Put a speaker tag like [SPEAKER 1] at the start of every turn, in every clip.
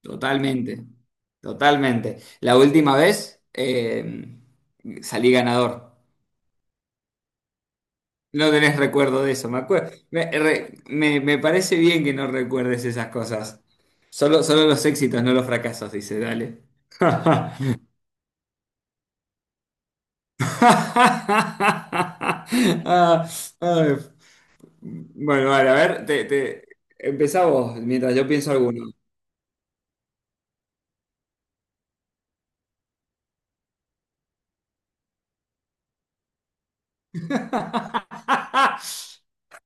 [SPEAKER 1] Totalmente, totalmente. La última vez salí ganador. No tenés recuerdo de eso, me acuerdo. Me parece bien que no recuerdes esas cosas. Solo los éxitos, no los fracasos, dice, dale. Ah, ay. Bueno, vale, a ver, empezá vos mientras yo pienso alguno.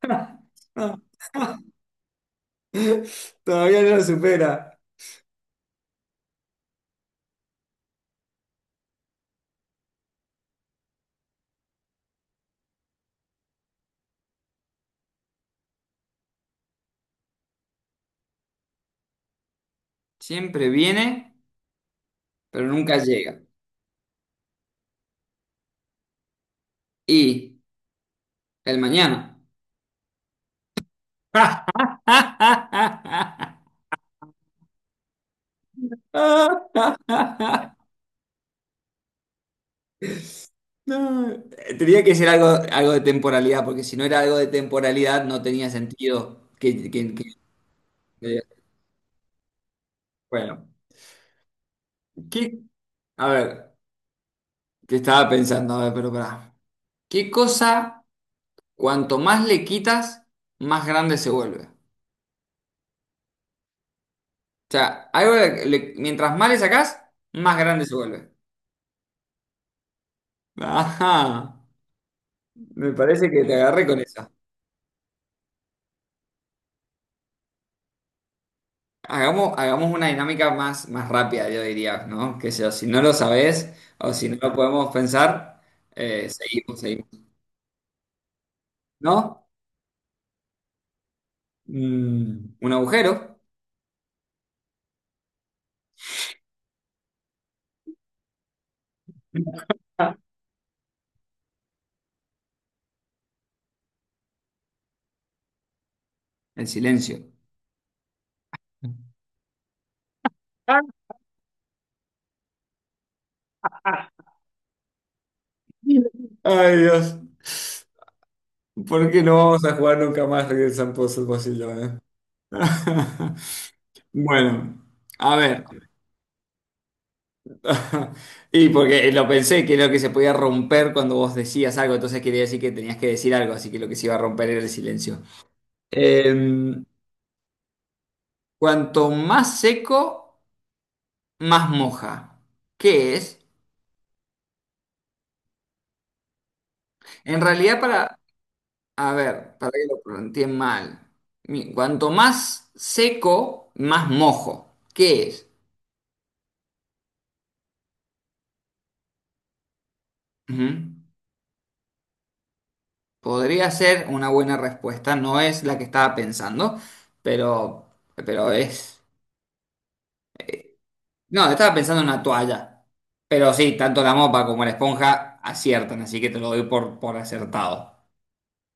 [SPEAKER 1] Todavía no lo supera. Siempre viene, pero nunca llega. Y el mañana. No, tenía que ser algo, algo de temporalidad, porque si no era algo de temporalidad no tenía sentido que- Bueno, ¿qué? A ver, que estaba pensando, a ver, pero pará. ¿Qué cosa, cuanto más le quitas, más grande se vuelve? O sea, mientras más le sacás, más grande se vuelve. Ajá. Me parece que te agarré con eso. Hagamos una dinámica más rápida, yo diría, ¿no? Que si no lo sabés o si no lo podemos pensar, seguimos. Si ¿no? Mm, un agujero, el silencio. Ah. Ay, Dios. ¿Por qué no vamos a jugar nunca más Regresan Pozos Vacillones? Bueno, a ver. Y porque lo pensé, que era lo que se podía romper cuando vos decías algo, entonces quería decir que tenías que decir algo, así que lo que se iba a romper era el silencio. Eh, cuanto más seco, más moja. ¿Qué es? En realidad, para, a ver, para que lo planteé mal. Cuanto más seco, más mojo. ¿Qué es? Ujú. Podría ser una buena respuesta, no es la que estaba pensando, pero, pero es. No, estaba pensando en una toalla. Pero sí, tanto la mopa como la esponja aciertan, así que te lo doy por acertado.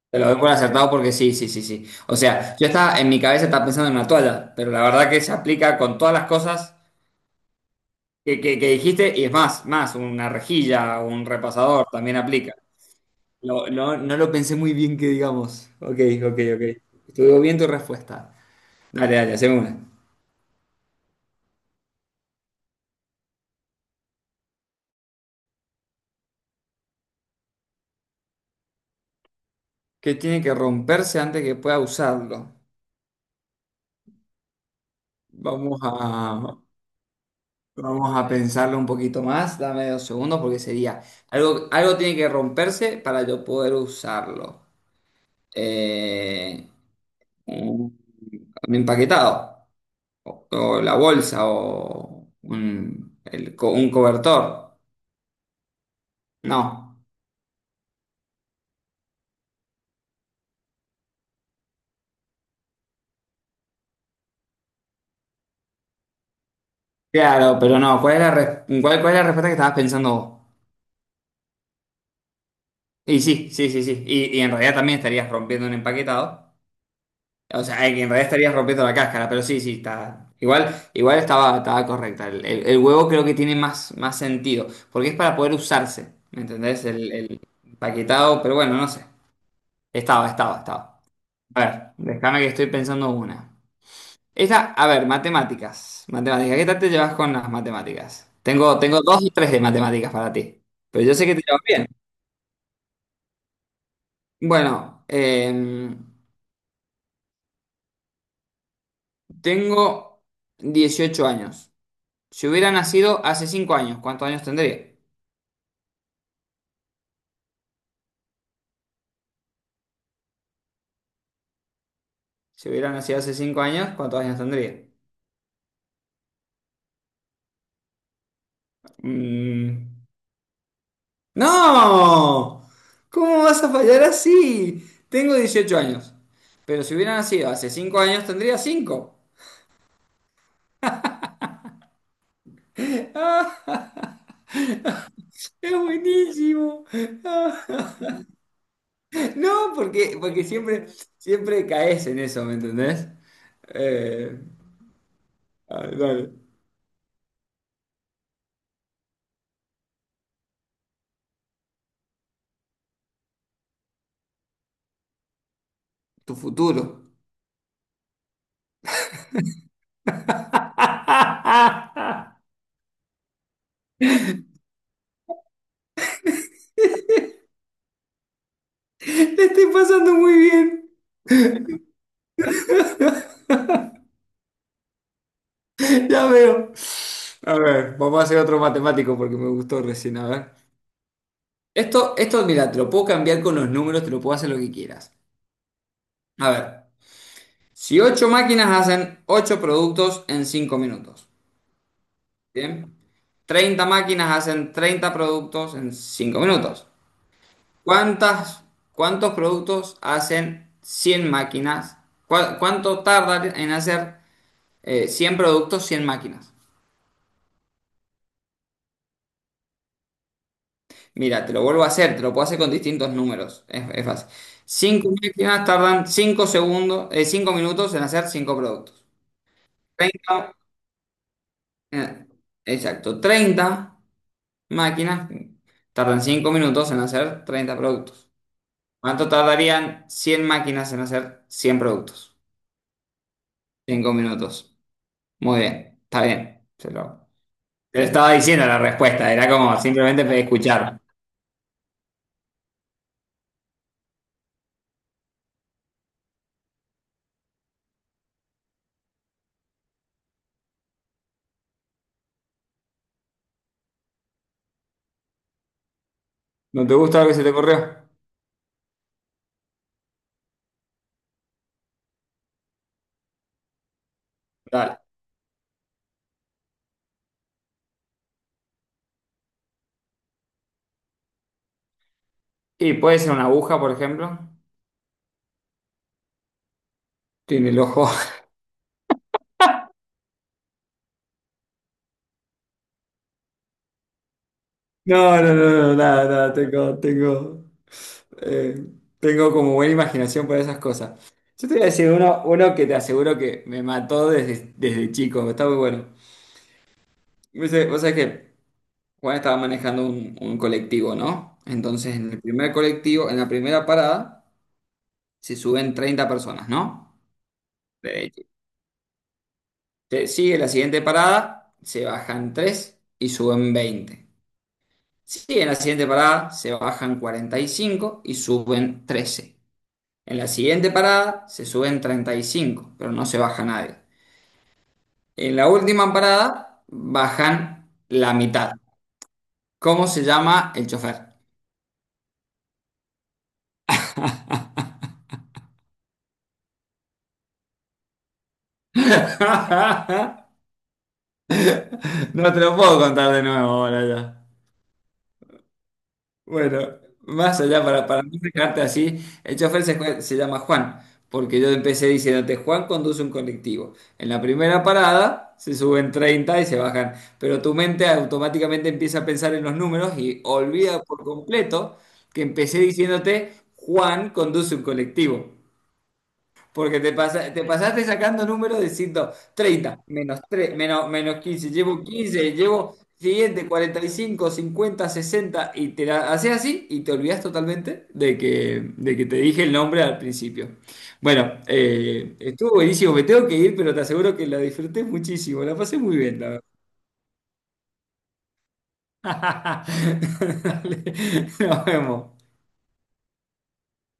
[SPEAKER 1] Te lo doy por acertado porque sí, sí, sí, sí. O sea, yo estaba en mi cabeza estaba pensando en una toalla, pero la verdad que se aplica con todas las cosas que dijiste, y es más, más, una rejilla, un repasador también aplica. No lo pensé muy bien que digamos. Ok, ok, ok. Estuvo bien tu respuesta. Dale, dale, haceme una. Que tiene que romperse antes que pueda usarlo. Vamos a... Vamos a pensarlo un poquito más, dame dos segundos porque sería algo, algo tiene que romperse para yo poder usarlo. Eh, un, un empaquetado, o la bolsa, o un, un cobertor. No, claro, pero no, ¿cuál es la, cuál, cuál es la respuesta que estabas pensando vos? Y sí, sí, sí, sí, y en realidad también estarías rompiendo un empaquetado. O sea, en realidad estarías rompiendo la cáscara, pero sí, sí, está. Igual, igual estaba, estaba correcta. El huevo creo que tiene más, más sentido, porque es para poder usarse, ¿me entendés? El paquetado, pero bueno, no sé. Estaba, estaba, estaba. A ver, déjame que estoy pensando una. Esta, a ver, matemáticas. Matemáticas, ¿qué tal te llevas con las matemáticas? Tengo dos o tres de matemáticas para ti, pero yo sé que te llevas bien. Bueno, tengo 18 años. Si hubiera nacido hace 5 años, ¿cuántos años tendría? Si hubiera nacido hace cinco años, ¿cuántos años tendría? Mm. ¡No! ¿Cómo vas a fallar así? Tengo 18 años. Pero si hubiera nacido hace cinco años, tendría cinco. Es buenísimo. Ah, no, porque, porque siempre, siempre caes en eso, ¿me entendés? Eh, a ver, dale. Tu futuro. Te estoy pasando muy bien. Ya veo. A ver, vamos a hacer otro matemático porque me gustó recién. A ver. Esto, mira, te lo puedo cambiar con los números, te lo puedo hacer lo que quieras. A ver, si ocho máquinas hacen 8 productos en 5 minutos, ¿bien? 30 máquinas hacen 30 productos en 5 minutos. ¿Cuántas, cuántos productos hacen 100 máquinas? ¿Cuánto tardan en hacer 100 productos 100 máquinas? Mira, te lo vuelvo a hacer, te lo puedo hacer con distintos números. Es fácil. Cinco máquinas tardan cinco segundos, cinco minutos en hacer cinco productos. 30, eh, exacto, 30 máquinas tardan 5 minutos en hacer 30 productos. ¿Cuánto tardarían 100 máquinas en hacer 100 productos? 5 minutos. Muy bien, está bien. Se lo, te lo estaba diciendo la respuesta, era como simplemente escuchar. ¿No te gusta lo que se te ocurrió? Dale. Y puede ser una aguja, por ejemplo. Tiene el ojo. No, no, no, no, nada, nada, tengo, tengo, eh, tengo como buena imaginación para esas cosas. Yo te voy a decir uno, uno que te aseguro que me mató desde, desde chico, está muy bueno. Dice, vos sabés que Juan estaba manejando un colectivo, ¿no? Entonces, en el primer colectivo, en la primera parada, se suben 30 personas, ¿no? Derecho. Te sigue la siguiente parada, se bajan 3 y suben 20. Sí, en la siguiente parada se bajan 45 y suben 13. En la siguiente parada se suben 35, pero no se baja nadie. En la última parada bajan la mitad. ¿Cómo se llama el chofer? No te lo puedo contar de nuevo ahora ya. Bueno, más allá, para no dejarte así, el chofer se llama Juan, porque yo empecé diciéndote, Juan conduce un colectivo. En la primera parada se suben 30 y se bajan, pero tu mente automáticamente empieza a pensar en los números y olvida por completo que empecé diciéndote, Juan conduce un colectivo. Porque te, te pasaste sacando números de treinta menos 3 menos, menos 15 llevo siguiente 45 50 sesenta, y te la haces así y te olvidas totalmente de que te dije el nombre al principio. Bueno, estuvo buenísimo, me tengo que ir, pero te aseguro que la disfruté muchísimo, la pasé muy bien, la verdad. Dale, nos vemos.